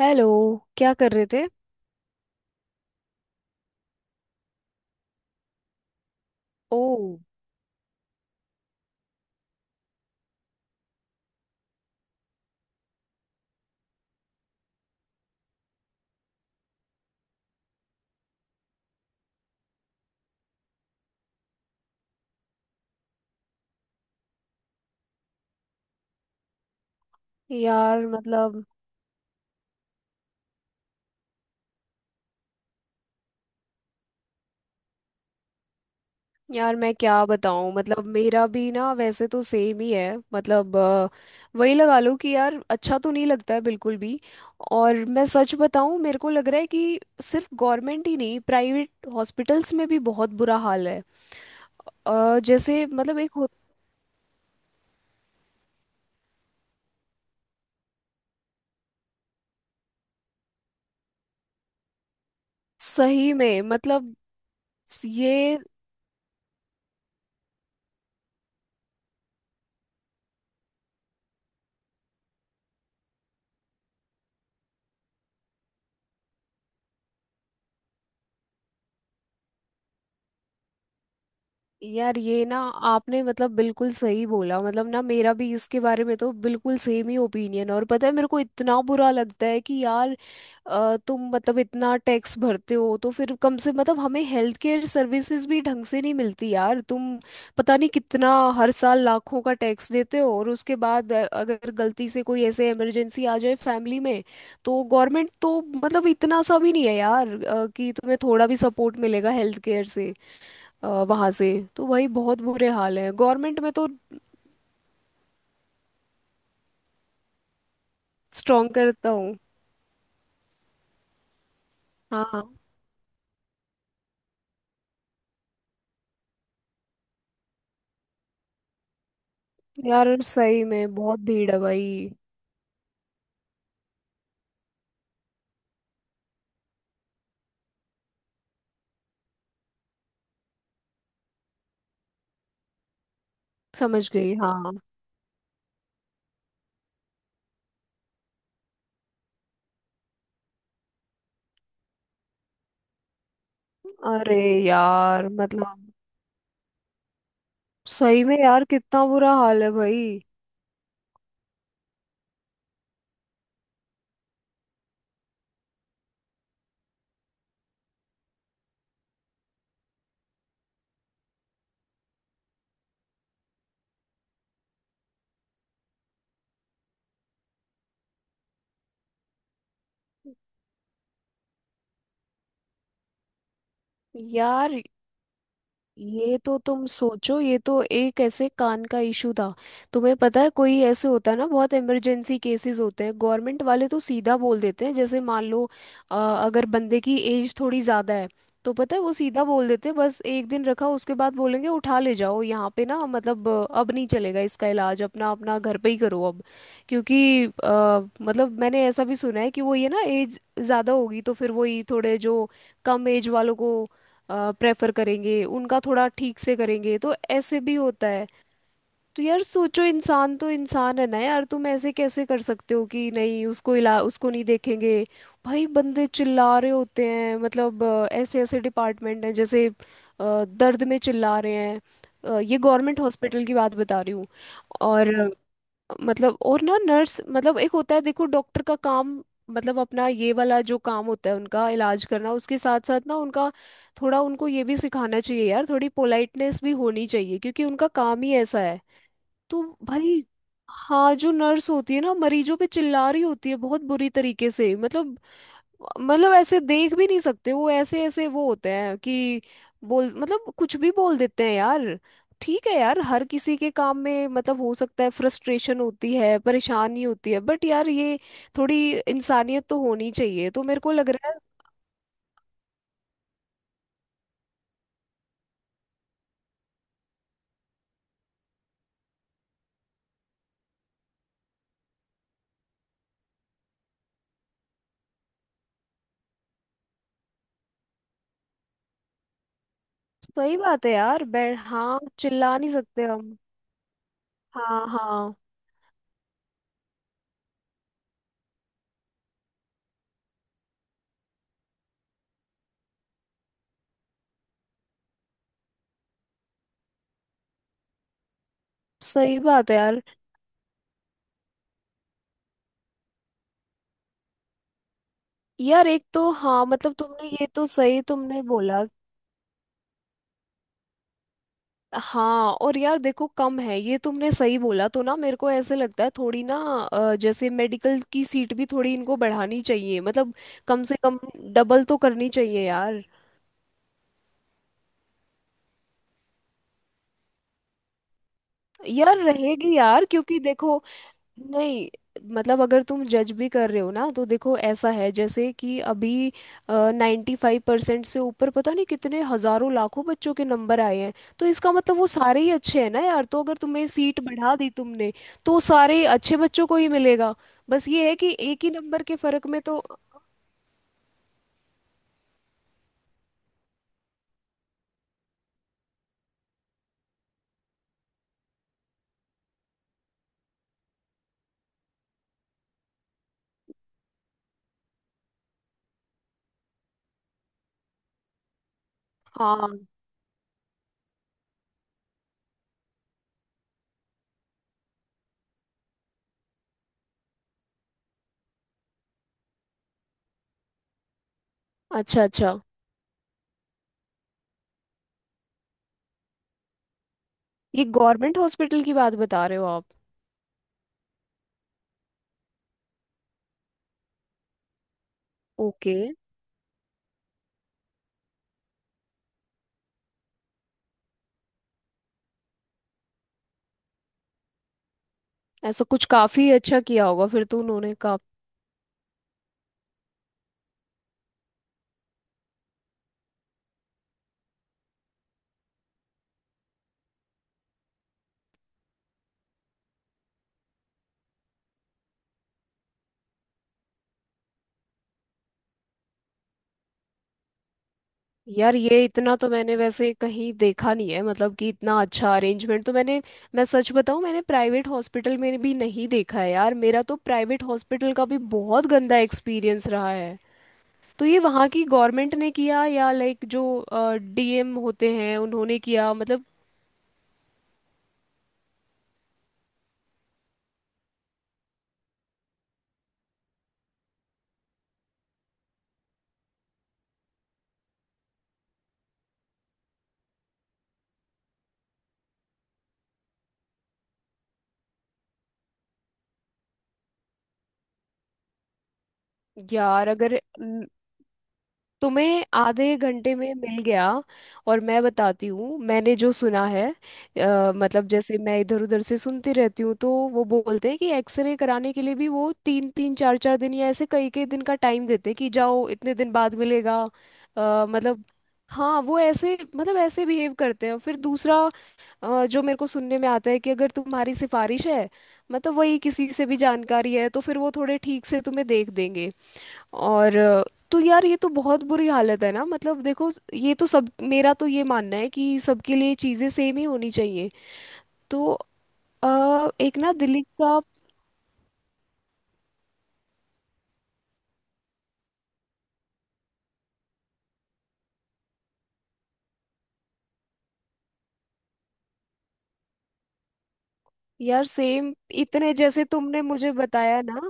Hello. क्या कर रहे थे? ओ। यार मतलब यार मैं क्या बताऊं? मतलब मेरा भी ना वैसे तो सेम ही है। मतलब वही लगा लो कि यार अच्छा तो नहीं लगता है बिल्कुल भी। और मैं सच बताऊं मेरे को लग रहा है कि सिर्फ गवर्नमेंट ही नहीं प्राइवेट हॉस्पिटल्स में भी बहुत बुरा हाल है। जैसे मतलब सही में मतलब ये। यार ये ना आपने मतलब बिल्कुल सही बोला। मतलब ना मेरा भी इसके बारे में तो बिल्कुल सेम ही ओपिनियन। और पता है मेरे को इतना बुरा लगता है कि यार तुम मतलब इतना टैक्स भरते हो तो फिर कम से मतलब हमें हेल्थ केयर सर्विसेज भी ढंग से नहीं मिलती यार। तुम पता नहीं कितना हर साल लाखों का टैक्स देते हो और उसके बाद अगर गलती से कोई ऐसे इमरजेंसी आ जाए फैमिली में तो गवर्नमेंट तो मतलब इतना सा भी नहीं है यार कि तुम्हें थोड़ा भी सपोर्ट मिलेगा हेल्थ केयर से, वहां से। तो वही बहुत बुरे हाल है गवर्नमेंट में तो। स्ट्रॉन्ग करता हूँ। हाँ। यार सही में बहुत भीड़ है भाई। समझ गई। हाँ। अरे। यार मतलब सही में यार कितना बुरा हाल है भाई। यार ये तो तुम सोचो, ये तो एक ऐसे कान का इशू था। तुम्हें पता है कोई ऐसे होता है ना, बहुत इमरजेंसी केसेस होते हैं। गवर्नमेंट वाले तो सीधा बोल देते हैं, जैसे मान लो अगर बंदे की एज थोड़ी ज़्यादा है तो पता है वो सीधा बोल देते हैं बस एक दिन रखा उसके बाद बोलेंगे उठा ले जाओ, यहाँ पे ना मतलब अब नहीं चलेगा इसका इलाज, अपना अपना घर पे ही करो अब। क्योंकि मतलब मैंने ऐसा भी सुना है कि वो ये ना एज ज़्यादा होगी तो फिर वही थोड़े जो कम एज वालों को प्रेफर करेंगे, उनका थोड़ा ठीक से करेंगे। तो ऐसे भी होता है। तो यार सोचो इंसान तो इंसान है ना यार, तुम ऐसे कैसे कर सकते हो कि नहीं, उसको इला उसको नहीं देखेंगे। भाई बंदे चिल्ला रहे होते हैं मतलब ऐसे ऐसे डिपार्टमेंट हैं जैसे दर्द में चिल्ला रहे हैं। ये गवर्नमेंट हॉस्पिटल की बात बता रही हूँ। और मतलब और ना नर्स, मतलब एक होता है देखो डॉक्टर का काम, मतलब अपना ये वाला जो काम होता है उनका इलाज करना, उसके साथ साथ ना उनका थोड़ा उनको ये भी सिखाना चाहिए यार। थोड़ी पोलाइटनेस भी होनी चाहिए क्योंकि उनका काम ही ऐसा है। तो भाई हाँ, जो नर्स होती है ना मरीजों पे चिल्ला रही होती है बहुत बुरी तरीके से। मतलब मतलब ऐसे देख भी नहीं सकते, वो ऐसे ऐसे वो होते हैं कि बोल मतलब कुछ भी बोल देते हैं यार। ठीक है यार हर किसी के काम में मतलब हो सकता है फ्रस्ट्रेशन होती है, परेशानी होती है, बट यार ये थोड़ी इंसानियत तो होनी चाहिए। तो मेरे को लग रहा है सही बात है यार। बै हाँ, चिल्ला नहीं सकते हम। हाँ हाँ। सही बात है यार। यार एक तो हाँ मतलब तुमने ये तो सही तुमने बोला। हाँ। और यार देखो कम है ये तुमने सही बोला। तो ना मेरे को ऐसे लगता है थोड़ी ना जैसे मेडिकल की सीट भी थोड़ी इनको बढ़ानी चाहिए मतलब, कम से कम डबल तो करनी चाहिए यार। यार रहेगी यार क्योंकि देखो। नहीं। मतलब अगर तुम जज भी कर रहे हो ना तो देखो ऐसा है जैसे कि अभी 95% से ऊपर पता नहीं कितने हजारों लाखों बच्चों के नंबर आए हैं। तो इसका मतलब वो सारे ही अच्छे हैं ना यार। तो अगर तुम्हें सीट बढ़ा दी तुमने तो वो सारे अच्छे बच्चों को ही मिलेगा। बस ये है कि एक ही नंबर के फर्क में तो। हाँ। अच्छा अच्छा, ये गवर्नमेंट हॉस्पिटल की बात बता रहे हो आप? ओके। ऐसा कुछ काफी अच्छा किया होगा फिर तो उन्होंने। यार ये इतना तो मैंने वैसे कहीं देखा नहीं है मतलब, कि इतना अच्छा अरेंजमेंट तो मैंने, मैं सच बताऊं मैंने प्राइवेट हॉस्पिटल में भी नहीं देखा है यार। मेरा तो प्राइवेट हॉस्पिटल का भी बहुत गंदा एक्सपीरियंस रहा है। तो ये वहाँ की गवर्नमेंट ने किया या लाइक जो डीएम होते हैं उन्होंने किया मतलब? यार अगर तुम्हें आधे घंटे में मिल गया। और मैं बताती हूँ मैंने जो सुना है, मतलब जैसे मैं इधर उधर से सुनती रहती हूँ तो वो बोलते हैं कि एक्सरे कराने के लिए भी वो तीन तीन चार चार दिन या ऐसे कई कई दिन का टाइम देते हैं कि जाओ इतने दिन बाद मिलेगा। मतलब हाँ वो ऐसे मतलब ऐसे बिहेव करते हैं। फिर दूसरा जो मेरे को सुनने में आता है कि अगर तुम्हारी सिफारिश है मतलब वही किसी से भी जानकारी है तो फिर वो थोड़े ठीक से तुम्हें देख देंगे। और तो यार ये तो बहुत बुरी हालत है ना। मतलब देखो ये तो सब, मेरा तो ये मानना है कि सबके लिए चीज़ें सेम ही होनी चाहिए। तो एक ना दिल्ली का, यार सेम। इतने जैसे तुमने मुझे बताया ना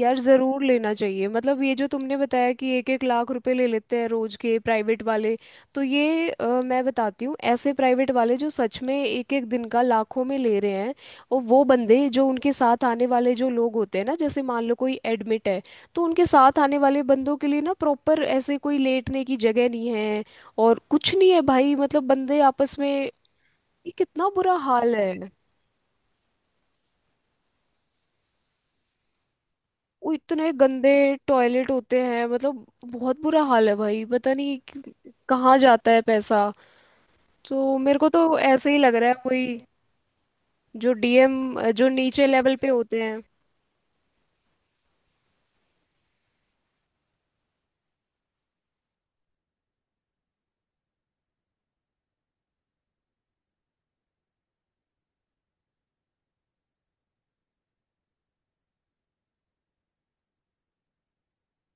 यार, ज़रूर लेना चाहिए मतलब। ये जो तुमने बताया कि एक एक लाख रुपए ले लेते हैं रोज के प्राइवेट वाले, तो ये मैं बताती हूँ ऐसे प्राइवेट वाले जो सच में एक एक दिन का लाखों में ले रहे हैं। और वो बंदे जो उनके साथ आने वाले जो लोग होते हैं ना, जैसे मान लो कोई एडमिट है तो उनके साथ आने वाले बंदों के लिए ना प्रॉपर ऐसे कोई लेटने की जगह नहीं है। और कुछ नहीं है भाई मतलब बंदे आपस में। ये कितना बुरा हाल है। वो इतने गंदे टॉयलेट होते हैं मतलब बहुत बुरा हाल है भाई, पता नहीं कहाँ जाता है पैसा। तो मेरे को तो ऐसे ही लग रहा है कोई जो डीएम, जो नीचे लेवल पे होते हैं।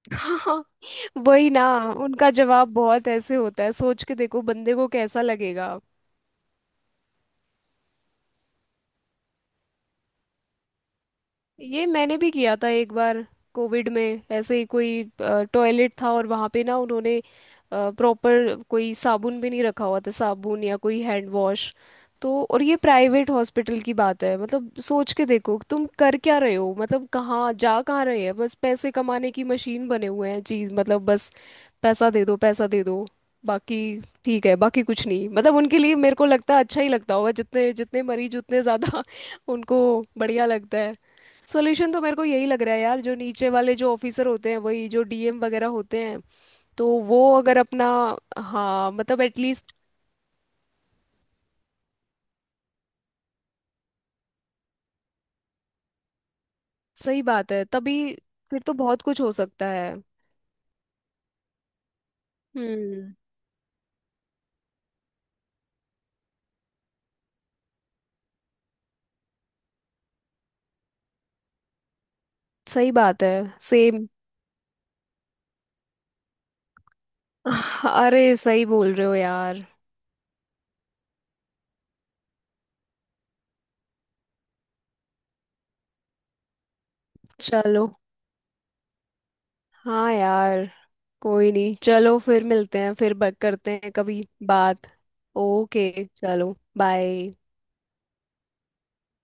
हाँ वही ना। उनका जवाब बहुत ऐसे होता है, सोच के देखो बंदे को कैसा लगेगा। ये मैंने भी किया था एक बार कोविड में, ऐसे ही कोई टॉयलेट था और वहाँ पे ना उन्होंने प्रॉपर कोई साबुन भी नहीं रखा हुआ था, साबुन या कोई हैंड वॉश। तो और ये प्राइवेट हॉस्पिटल की बात है मतलब, सोच के देखो तुम कर क्या रहे हो, मतलब कहाँ रहे हैं बस पैसे कमाने की मशीन बने हुए हैं चीज, मतलब बस पैसा दे दो पैसा दे दो। बाकी ठीक है, बाकी कुछ नहीं। मतलब उनके लिए मेरे को लगता है अच्छा ही लगता होगा, जितने जितने मरीज उतने ज़्यादा उनको बढ़िया लगता है। सोल्यूशन तो मेरे को यही लग रहा है यार, जो नीचे वाले जो ऑफिसर होते हैं वही जो डीएम वगैरह होते हैं, तो वो अगर अपना, हाँ मतलब एटलीस्ट। सही बात है, तभी फिर तो बहुत कुछ हो सकता है। हम्म। सही बात है। सेम। अरे सही बोल रहे हो यार। चलो। हाँ यार। कोई नहीं, चलो फिर मिलते हैं, फिर बक करते हैं कभी बात। ओके। चलो बाय।